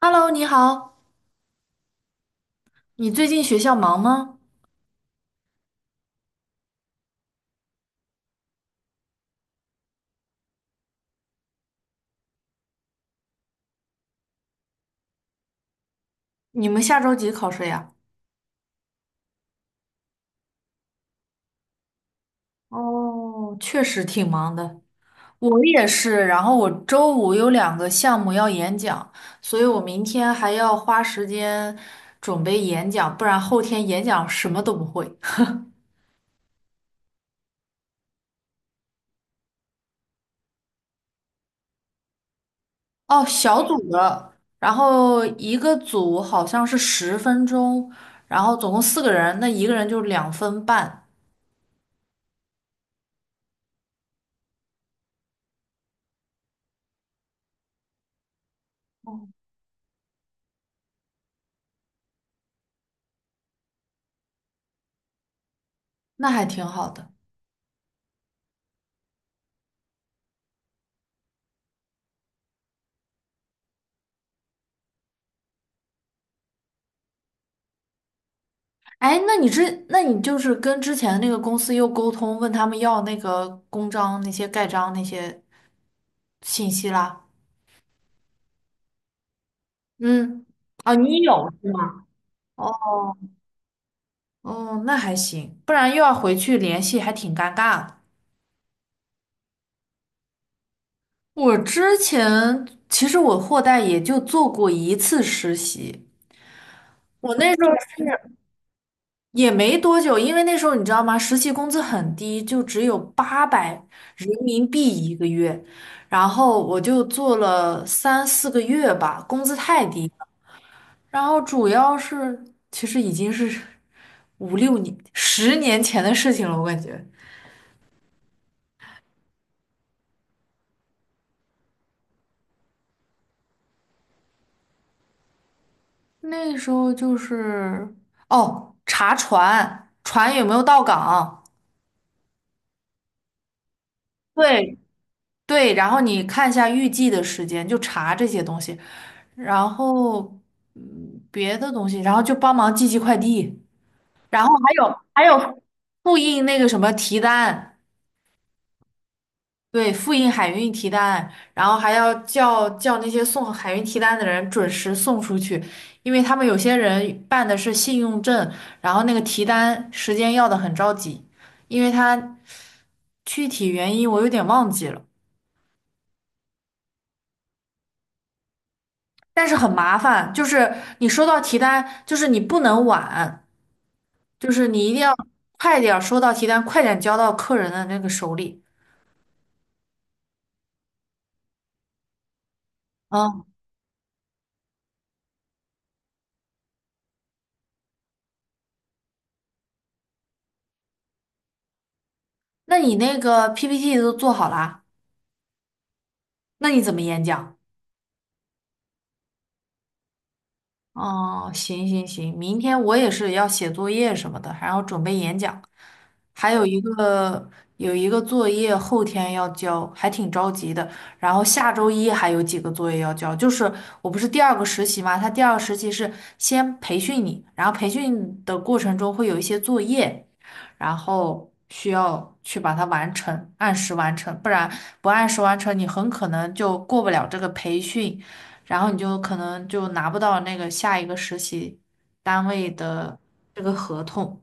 Hello，你好，你最近学校忙吗？你们下周几考试呀？哦，确实挺忙的，我也是。然后我周五有两个项目要演讲，所以我明天还要花时间准备演讲，不然后天演讲什么都不会。哦，小组的，然后一个组好像是十分钟，然后总共四个人，那一个人就2分半，那还挺好的。哎，那你就是跟之前那个公司又沟通，问他们要那个公章、那些盖章那些信息啦。嗯，啊，你有是吗？哦哦，那还行，不然又要回去联系，还挺尴尬的。我之前其实我货代也就做过一次实习，我那时候是也没多久，因为那时候你知道吗？实习工资很低，就只有800人民币一个月，然后我就做了3、4个月吧，工资太低了。然后主要是，其实已经是5、6年、10年前的事情了，我感觉那时候就是哦，查船，船有没有到港，对对，然后你看一下预计的时间，就查这些东西。然后别的东西，然后就帮忙寄寄快递，然后还有复印那个什么提单，对，复印海运提单，然后还要叫那些送海运提单的人准时送出去，因为他们有些人办的是信用证，然后那个提单时间要的很着急，因为他具体原因我有点忘记了。但是很麻烦，就是你收到提单，就是你不能晚，就是你一定要快点儿收到提单，快点交到客人的那个手里。嗯，那你那个 PPT 都做好啦？那你怎么演讲？哦，行行行，明天我也是要写作业什么的，还要准备演讲。还有一个有一个作业后天要交，还挺着急的。然后下周一还有几个作业要交，就是我不是第二个实习嘛，他第二个实习是先培训你，然后培训的过程中会有一些作业，然后需要去把它完成，按时完成，不然不按时完成，你很可能就过不了这个培训，然后你就可能就拿不到那个下一个实习单位的这个合同。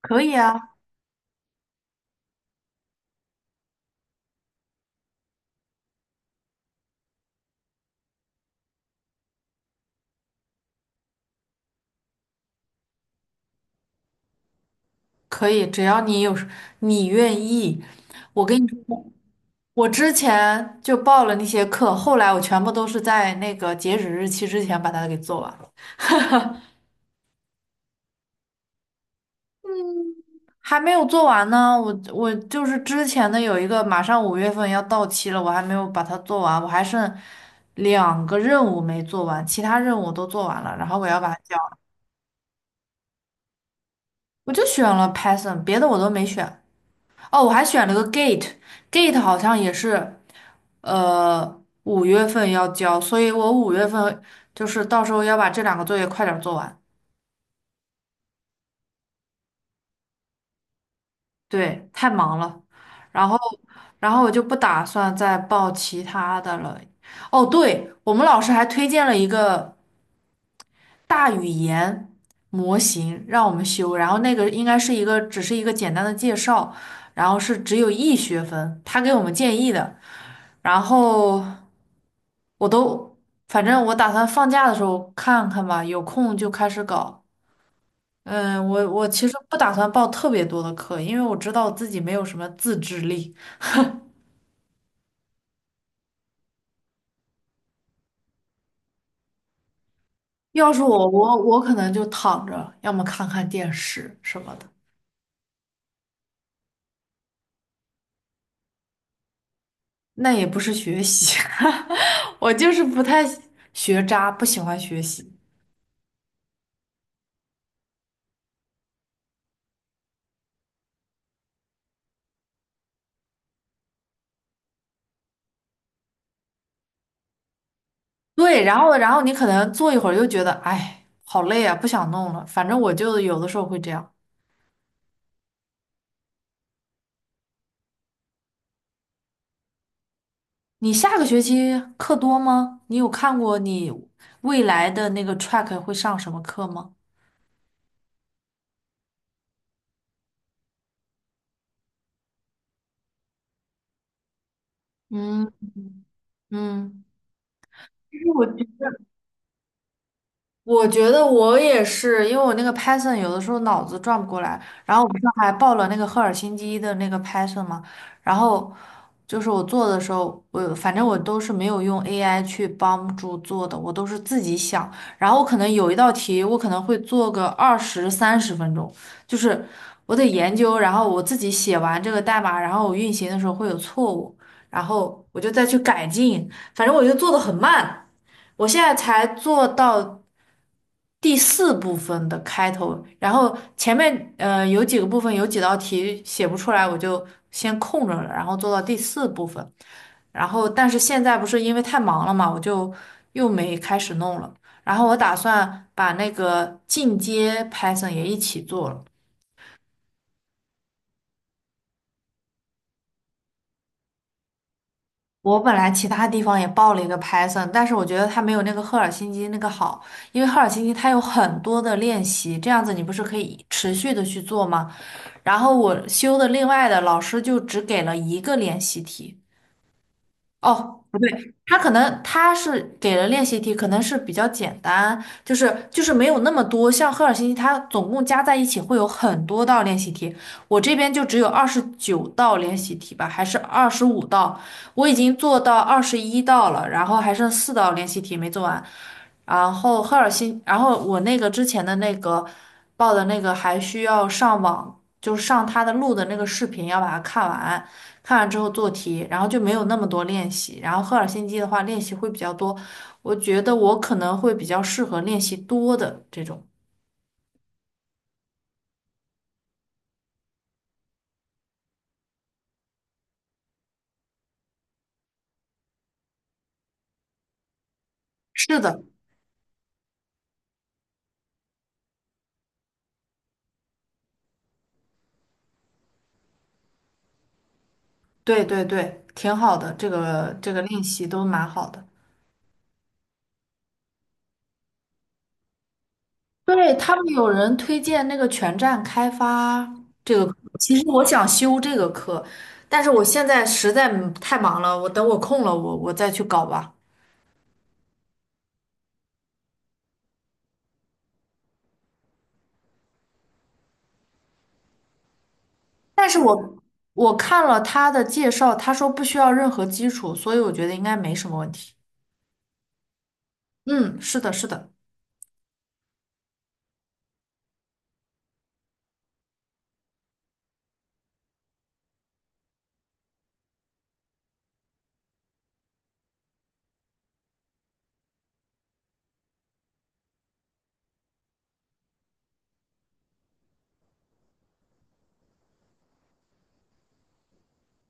可以啊。可以，只要你有时你愿意。我跟你说，我之前就报了那些课，后来我全部都是在那个截止日期之前把它给做完了。还没有做完呢。我就是之前的有一个马上五月份要到期了，我还没有把它做完，我还剩两个任务没做完，其他任务我都做完了，然后我要把它交。我就选了 Python，别的我都没选。哦，我还选了个 Gate，Gate 好像也是。五月份要交，所以我五月份就是到时候要把这两个作业快点儿做完。对，太忙了，然后，然后我就不打算再报其他的了。哦，对，我们老师还推荐了一个大语言模型让我们修，然后那个应该是一个只是一个简单的介绍，然后是只有一学分，他给我们建议的，然后我都，反正我打算放假的时候看看吧，有空就开始搞。嗯，我其实不打算报特别多的课，因为我知道自己没有什么自制力。要是我，我可能就躺着，要么看看电视什么的。那也不是学习，我就是不太喜学渣，不喜欢学习。对，然后你可能坐一会儿又觉得，哎，好累啊，不想弄了。反正我就有的时候会这样。你下个学期课多吗？你有看过你未来的那个 track 会上什么课吗？嗯嗯。其实我觉得。我觉得我也是，因为我那个 Python 有的时候脑子转不过来，然后我不是还报了那个赫尔辛基的那个 Python 嘛，然后就是我做的时候，我反正我都是没有用 AI 去帮助做的，我都是自己想，然后可能有一道题我可能会做个20、30分钟，就是我得研究，然后我自己写完这个代码，然后我运行的时候会有错误，然后我就再去改进，反正我就做的很慢。我现在才做到第四部分的开头，然后前面有几个部分有几道题写不出来，我就先空着了，然后做到第四部分，然后但是现在不是因为太忙了嘛，我就又没开始弄了，然后我打算把那个进阶 Python 也一起做了。我本来其他地方也报了一个 Python，但是我觉得它没有那个赫尔辛基那个好，因为赫尔辛基它有很多的练习，这样子你不是可以持续的去做吗？然后我修的另外的老师就只给了一个练习题，哦，不对，他可能他是给了练习题，可能是比较简单，就是没有那么多。像赫尔辛基，它总共加在一起会有很多道练习题，我这边就只有29道练习题吧，还是25道，我已经做到21道了，然后还剩四道练习题没做完。然后我那个之前的那个报的那个还需要上网就是上他的录的那个视频，要把它看完，看完之后做题，然后就没有那么多练习。然后赫尔辛基的话，练习会比较多，我觉得我可能会比较适合练习多的这种。是的，对对对，挺好的，这个练习都蛮好的。对，他们有人推荐那个全站开发这个课，其实我想修这个课，但是我现在实在太忙了，我等我空了，我再去搞吧。但是我看了他的介绍，他说不需要任何基础，所以我觉得应该没什么问题。嗯，是的，是的，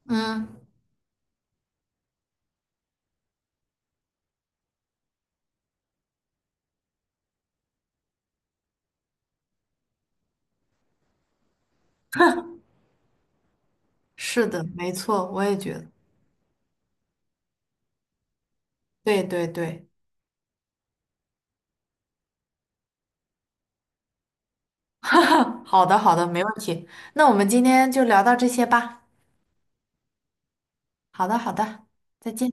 嗯，是的，没错，我也觉得，对对对，好的好的，没问题。那我们今天就聊到这些吧。好的好的，再见。